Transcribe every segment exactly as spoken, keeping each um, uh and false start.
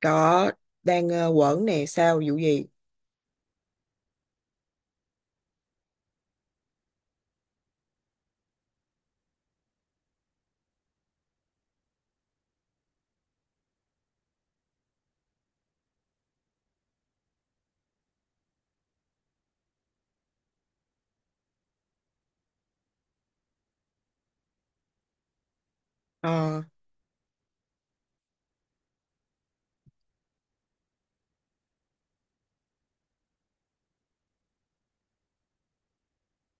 Đó, đang ờ, quẩn nè, sao, vụ gì? Ờ,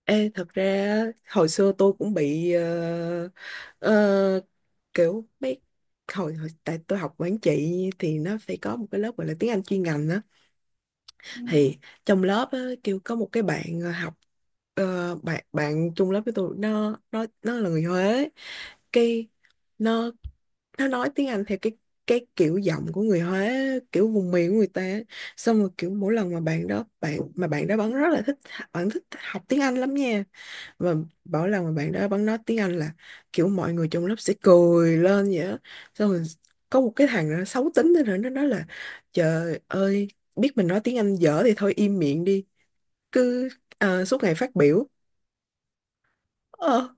ê, thật ra á, hồi xưa tôi cũng bị ờ, ờ, kiểu mấy hồi, hồi tại tôi học quản trị thì nó phải có một cái lớp gọi là tiếng Anh chuyên ngành á. Ừ, thì trong lớp á, kêu có một cái bạn ờ, học, ờ, bạn bạn chung lớp với tôi, nó nó nó là người Huế, cái nó nó nói tiếng Anh theo cái cái kiểu giọng của người Huế, kiểu vùng miền của người ta á. Xong rồi kiểu mỗi lần mà bạn đó bạn mà bạn đó vẫn rất là thích, bạn thích học tiếng Anh lắm nha, và mỗi lần mà bạn đó vẫn nói tiếng Anh là kiểu mọi người trong lớp sẽ cười lên vậy á. Xong rồi có một cái thằng nó xấu tính nữa, nó nói là trời ơi, biết mình nói tiếng Anh dở thì thôi im miệng đi, cứ ờ, suốt ngày phát biểu. Ờ.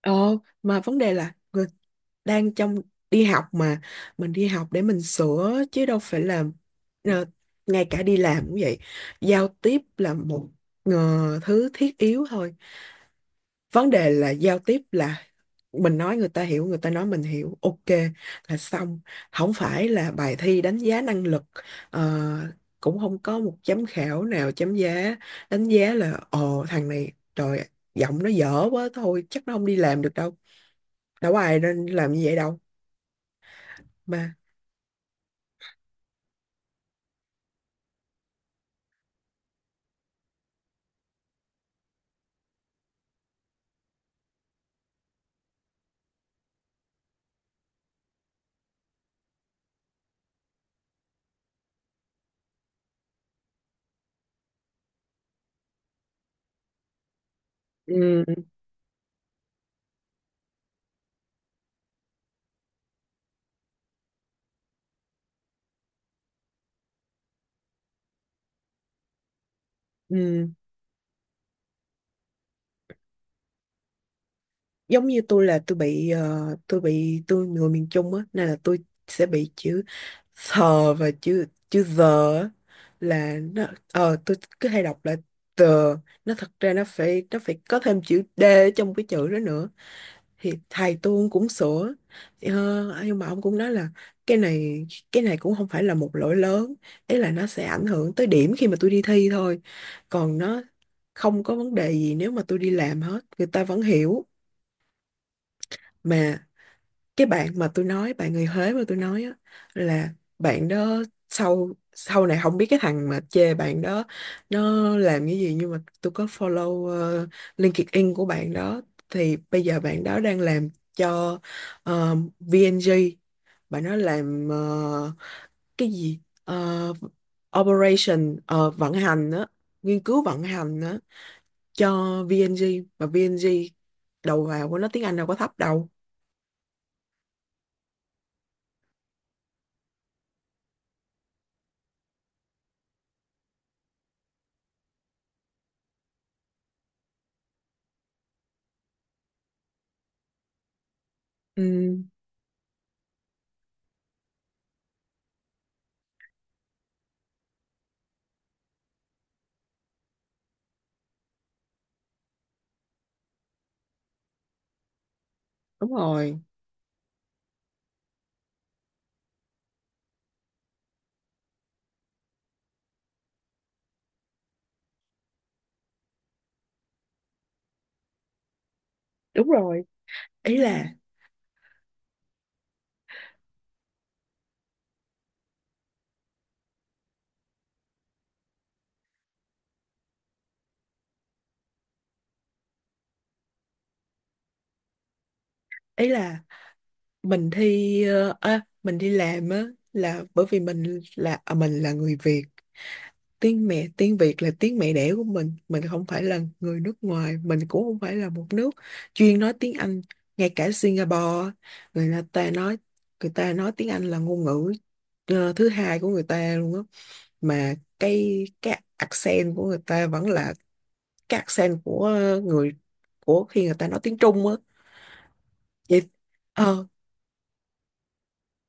Ờ, mà vấn đề là người đang trong đi học mà, mình đi học để mình sửa chứ đâu phải là, ờ, ngay cả đi làm cũng vậy, giao tiếp là một, ờ, thứ thiết yếu thôi. Vấn đề là giao tiếp là mình nói người ta hiểu, người ta nói mình hiểu, ok là xong, không phải là bài thi đánh giá năng lực, ờ, cũng không có một giám khảo nào chấm giá, đánh giá là ồ thằng này trời, giọng nó dở quá thôi chắc nó không đi làm được đâu. Đâu có ai nên làm như vậy đâu mà. Ừ, ừ, giống như tôi là tôi bị ờ, tôi bị, tôi người miền Trung á nên là tôi sẽ bị chữ thờ và chữ chữ giờ á, là nó, ờ tôi cứ hay đọc là tờ, nó thật ra nó phải, nó phải có thêm chữ d ở trong cái chữ đó nữa, thì thầy tôi cũng sửa. Ờ, nhưng mà ông cũng nói là cái này, cái này cũng không phải là một lỗi lớn, ý là nó sẽ ảnh hưởng tới điểm khi mà tôi đi thi thôi, còn nó không có vấn đề gì nếu mà tôi đi làm hết, người ta vẫn hiểu mà. Cái bạn mà tôi nói, bạn người Huế mà tôi nói á, là bạn đó, sau sau này không biết cái thằng mà chê bạn đó nó làm cái gì, nhưng mà tôi có follow ờ, LinkedIn của bạn đó thì bây giờ bạn đó đang làm cho ờ, vê en giê. Bạn đó làm ờ, cái gì, Ờ, operation, ờ, vận hành á, nghiên cứu vận hành á cho vê en giê. Mà vê en giê đầu vào của nó tiếng Anh đâu có thấp đâu. Ừ, đúng rồi. Đúng rồi, ý là ý là mình thi ờ, à, mình đi làm á, là bởi vì mình là, à, mình là người Việt, tiếng mẹ tiếng Việt là tiếng mẹ đẻ của mình mình không phải là người nước ngoài, mình cũng không phải là một nước chuyên nói tiếng Anh. Ngay cả Singapore, người ta nói, người ta nói tiếng Anh là ngôn ngữ ờ, thứ hai của người ta luôn á, mà cái cái accent của người ta vẫn là cái accent của ờ, người của khi người ta nói tiếng Trung á. Vậy, ờ,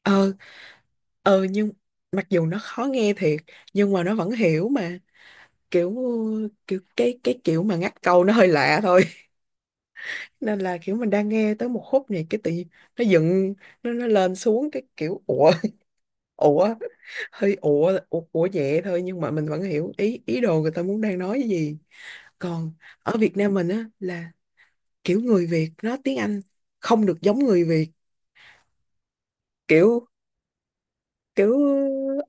ờ ờ nhưng mặc dù nó khó nghe thiệt, nhưng mà nó vẫn hiểu mà, kiểu, kiểu cái cái kiểu mà ngắt câu nó hơi lạ thôi. Nên là kiểu mình đang nghe tới một khúc này, cái tự nhiên nó dựng, nó nó lên xuống cái kiểu ủa. Ủa, hơi ủa, ủa, ủa nhẹ thôi, nhưng mà mình vẫn hiểu ý, ý đồ người ta muốn đang nói cái gì. Còn ở Việt Nam mình á là kiểu người Việt nói tiếng Anh không được giống người Việt, kiểu, kiểu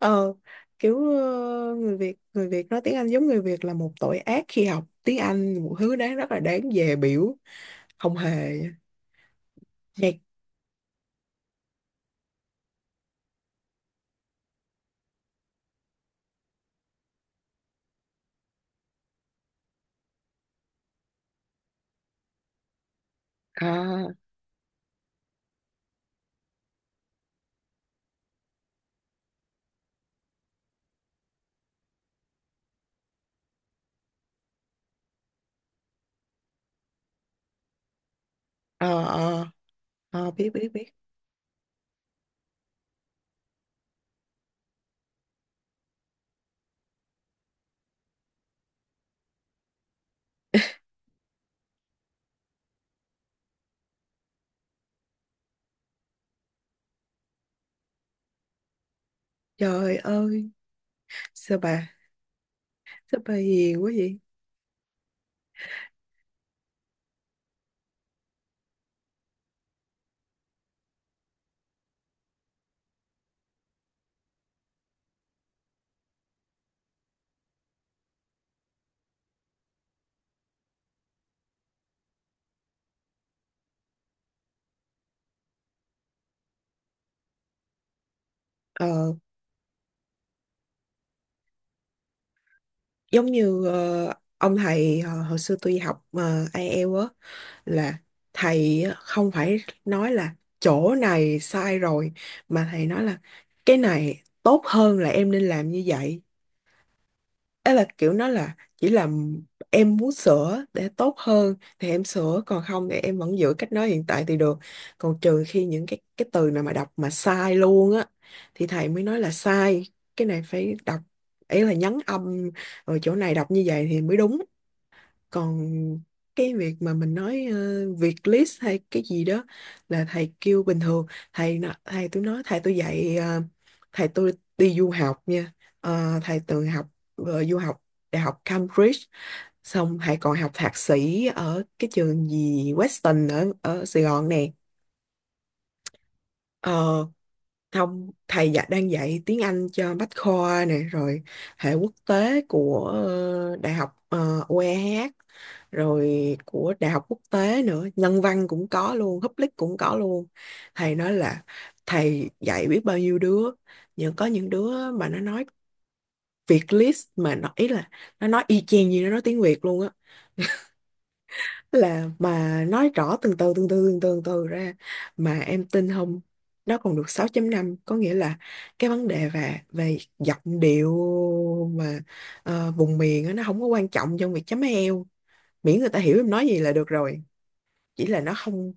ờ kiểu ờ, người Việt, người Việt nói tiếng Anh giống người Việt là một tội ác khi học tiếng Anh, một thứ đáng, rất là đáng dè biểu. Không hề. Nhạc à. ờ ờ ờ Biết biết biết. Trời ơi, sao bà, sao bà hiền quá vậy. Ờ, giống như ờ, ông thầy hồi, hồi xưa tôi học ờ, ai eo á, là thầy á, không phải nói là chỗ này sai rồi, mà thầy nói là cái này tốt hơn là em nên làm như vậy. Đó là kiểu nó là chỉ là em muốn sửa để tốt hơn thì em sửa, còn không thì em vẫn giữ cách nói hiện tại thì được. Còn trừ khi những cái cái từ nào mà đọc mà sai luôn á, thì thầy mới nói là sai, cái này phải đọc, ý là nhấn âm, rồi chỗ này đọc như vậy thì mới đúng. Còn cái việc mà mình nói ờ, việc list hay cái gì đó là thầy kêu bình thường. Thầy nó- thầy tôi nói, thầy tôi dạy ờ, thầy tôi đi du học nha. Ờ, thầy từng học ờ, du học đại học Cambridge, xong thầy còn học thạc sĩ ở cái trường gì Western ở ở Sài Gòn nè. Ờ không, thầy dạ đang dạy tiếng Anh cho Bách Khoa nè, rồi hệ quốc tế của ờ, Đại học ờ, u e hát, rồi của Đại học quốc tế nữa, nhân văn cũng có luôn, public cũng có luôn. Thầy nói là thầy dạy biết bao nhiêu đứa, nhưng có những đứa mà nó nói Việt list mà nó, ý là nó nói y chang như nó nói tiếng Việt luôn á, là mà nói rõ từng từ, từng từ từng từ, từng từ ra. Mà em tin không, nó còn được sáu chấm năm, có nghĩa là cái vấn đề về về giọng điệu mà ờ, vùng miền á, nó không có quan trọng trong việc chấm eo, miễn người ta hiểu em nói gì là được rồi. Chỉ là nó không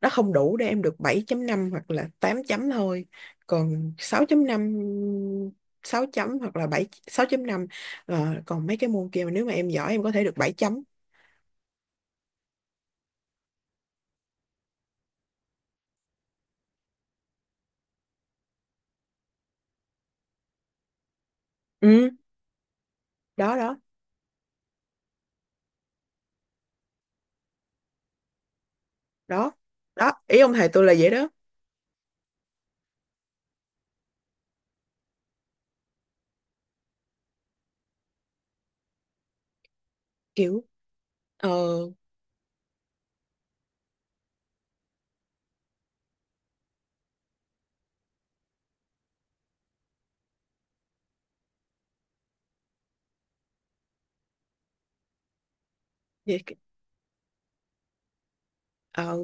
nó không đủ để em được bảy chấm năm hoặc là tám chấm thôi, còn sáu chấm năm, sáu chấm hoặc là bảy sáu chấm năm. Ờ, còn mấy cái môn kia mà nếu mà em giỏi em có thể được bảy chấm. Ừ, đó đó đó đó, ý ông thầy tôi là vậy đó. Kiểu ờ Vậy, ờ,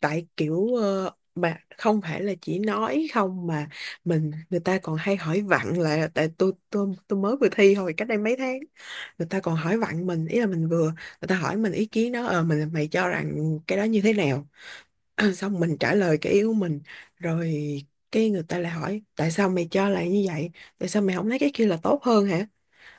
tại kiểu, ờ, mà không phải là chỉ nói không mà, mình người ta còn hay hỏi vặn là, tại tôi tôi tôi mới vừa thi hồi cách đây mấy tháng, người ta còn hỏi vặn mình, ý là mình vừa người ta hỏi mình ý kiến đó, ờ mình, mày cho rằng cái đó như thế nào. Xong mình trả lời cái ý của mình rồi, cái người ta lại hỏi tại sao mày cho là như vậy, tại sao mày không thấy cái kia là tốt hơn hả.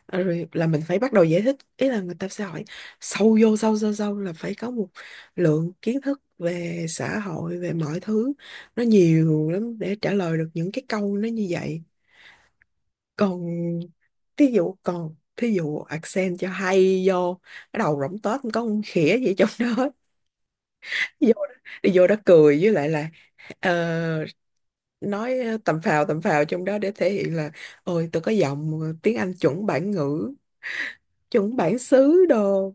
Ờ, rồi là mình phải bắt đầu giải thích, ý là người ta sẽ hỏi sâu vô, sâu sâu sâu là phải có một lượng kiến thức về xã hội, về mọi thứ nó nhiều lắm để trả lời được những cái câu nó như vậy. Còn thí dụ, còn thí dụ accent cho hay vô, cái đầu rỗng toét không có con khỉa gì trong đó. vô đó- Đi vô đó cười với lại là, ờ, nói tầm phào, tầm phào trong đó để thể hiện là ôi tôi có giọng ờ, tiếng Anh chuẩn bản ngữ, chuẩn bản xứ đồ.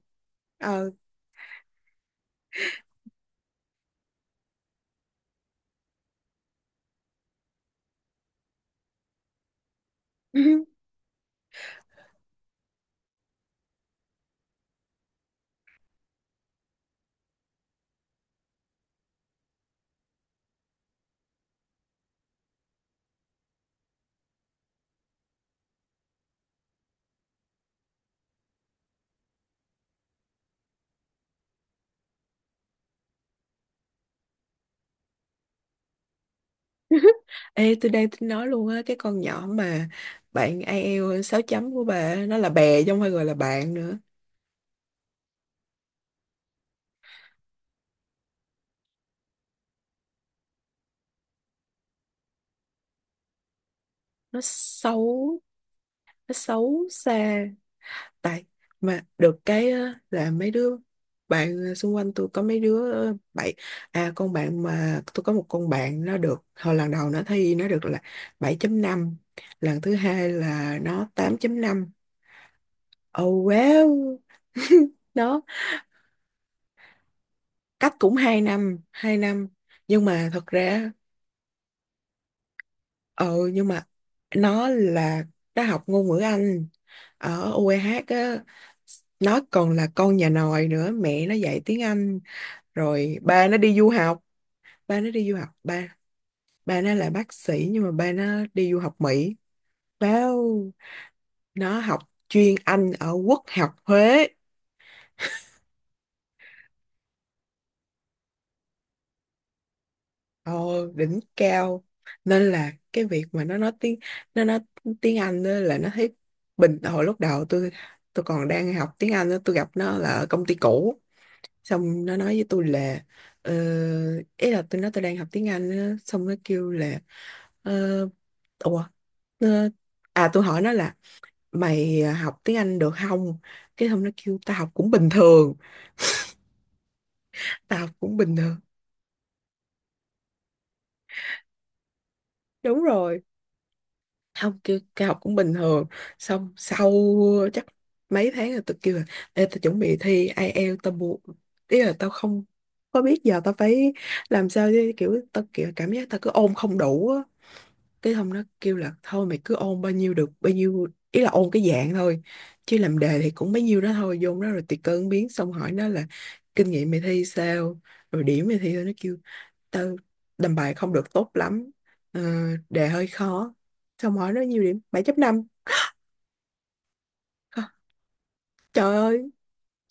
Ờ. Ê, tôi đang tính nói luôn á, cái con nhỏ mà bạn ai eo sáu chấm của bà á, nó là bè chứ không phải gọi là bạn nữa. Nó xấu, nó xấu xa. Tại, mà được cái á, là mấy đứa bạn ờ, xung quanh tôi có mấy đứa ờ, bảy à, con bạn mà, tôi có một con bạn nó được, hồi lần đầu nó thi nó được là bảy chấm năm, lần thứ hai là nó tám chấm năm. Oh wow. Đó, cách cũng hai năm, hai năm. Nhưng mà thật ra, ừ nhưng mà nó là, nó học ngôn ngữ Anh ở U UEH á. Nó còn là con nhà nòi nữa, mẹ nó dạy tiếng Anh, rồi ba nó đi du học, ba nó đi du học ba ba nó là bác sĩ nhưng mà ba nó đi du học Mỹ. Wow, nó học chuyên Anh ở Quốc học Huế. Ồ, đỉnh cao. Nên là cái việc mà nó nói tiếng nó nói tiếng Anh á là nó thấy bình, hồi lúc đầu tôi tôi còn đang học tiếng Anh á, tôi gặp nó là ở công ty cũ, xong nó nói với tôi là ờ, ý là tôi nói tôi đang học tiếng Anh á, xong nó kêu là ờ, ủa ờ, à tôi hỏi nó là mày học tiếng Anh được không, cái xong nó kêu tao học cũng bình thường, tao học cũng bình thường. Đúng rồi, không kêu cao, học cũng bình thường. Xong sau chắc mấy tháng rồi, tôi kêu là Ê, tôi chuẩn bị thi ai eo tao buộc, ý là tao không có biết giờ tao phải làm sao, chứ kiểu tao kiểu cảm giác tao cứ ôn không đủ á. Cái hôm nó kêu là thôi mày cứ ôn bao nhiêu được bao nhiêu, ý là ôn cái dạng thôi, chứ làm đề thì cũng bấy nhiêu đó thôi, vô đó rồi tùy cơ ứng biến. Xong hỏi nó là kinh nghiệm mày thi sao, rồi điểm mày thi sao, nó kêu Tao làm bài không được tốt lắm, ờ, đề hơi khó. Xong hỏi nó nhiều điểm bảy chấm năm. Hả? Trời ơi,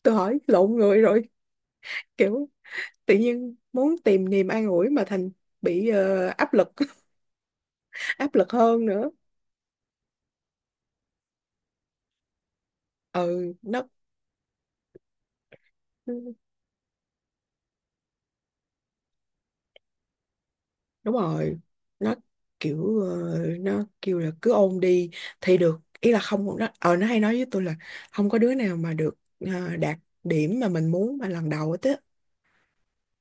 tôi hỏi lộn người rồi. Kiểu tự nhiên muốn tìm niềm an ủi mà thành bị ờ, áp lực áp lực hơn nữa. Ừ nó Đúng rồi, nó kiểu ờ, nó kêu là cứ ôn đi thì được, ý là không, nó ờ nó hay nói với tôi là không có đứa nào mà được ờ, đạt điểm mà mình muốn mà lần đầu hết á.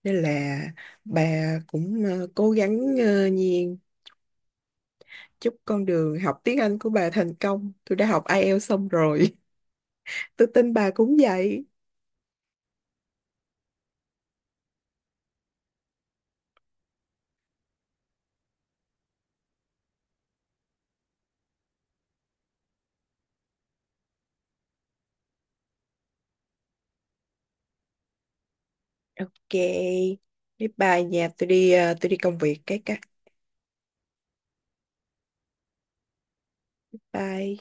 Nên là bà cũng ờ, cố gắng ờ, Nhiên, chúc con đường học tiếng Anh của bà thành công. Tôi đã học ai eo xong rồi, tôi tin bà cũng vậy. Ok, bye bye nhà, tôi đi ờ, tôi đi công việc cái cái. Bye.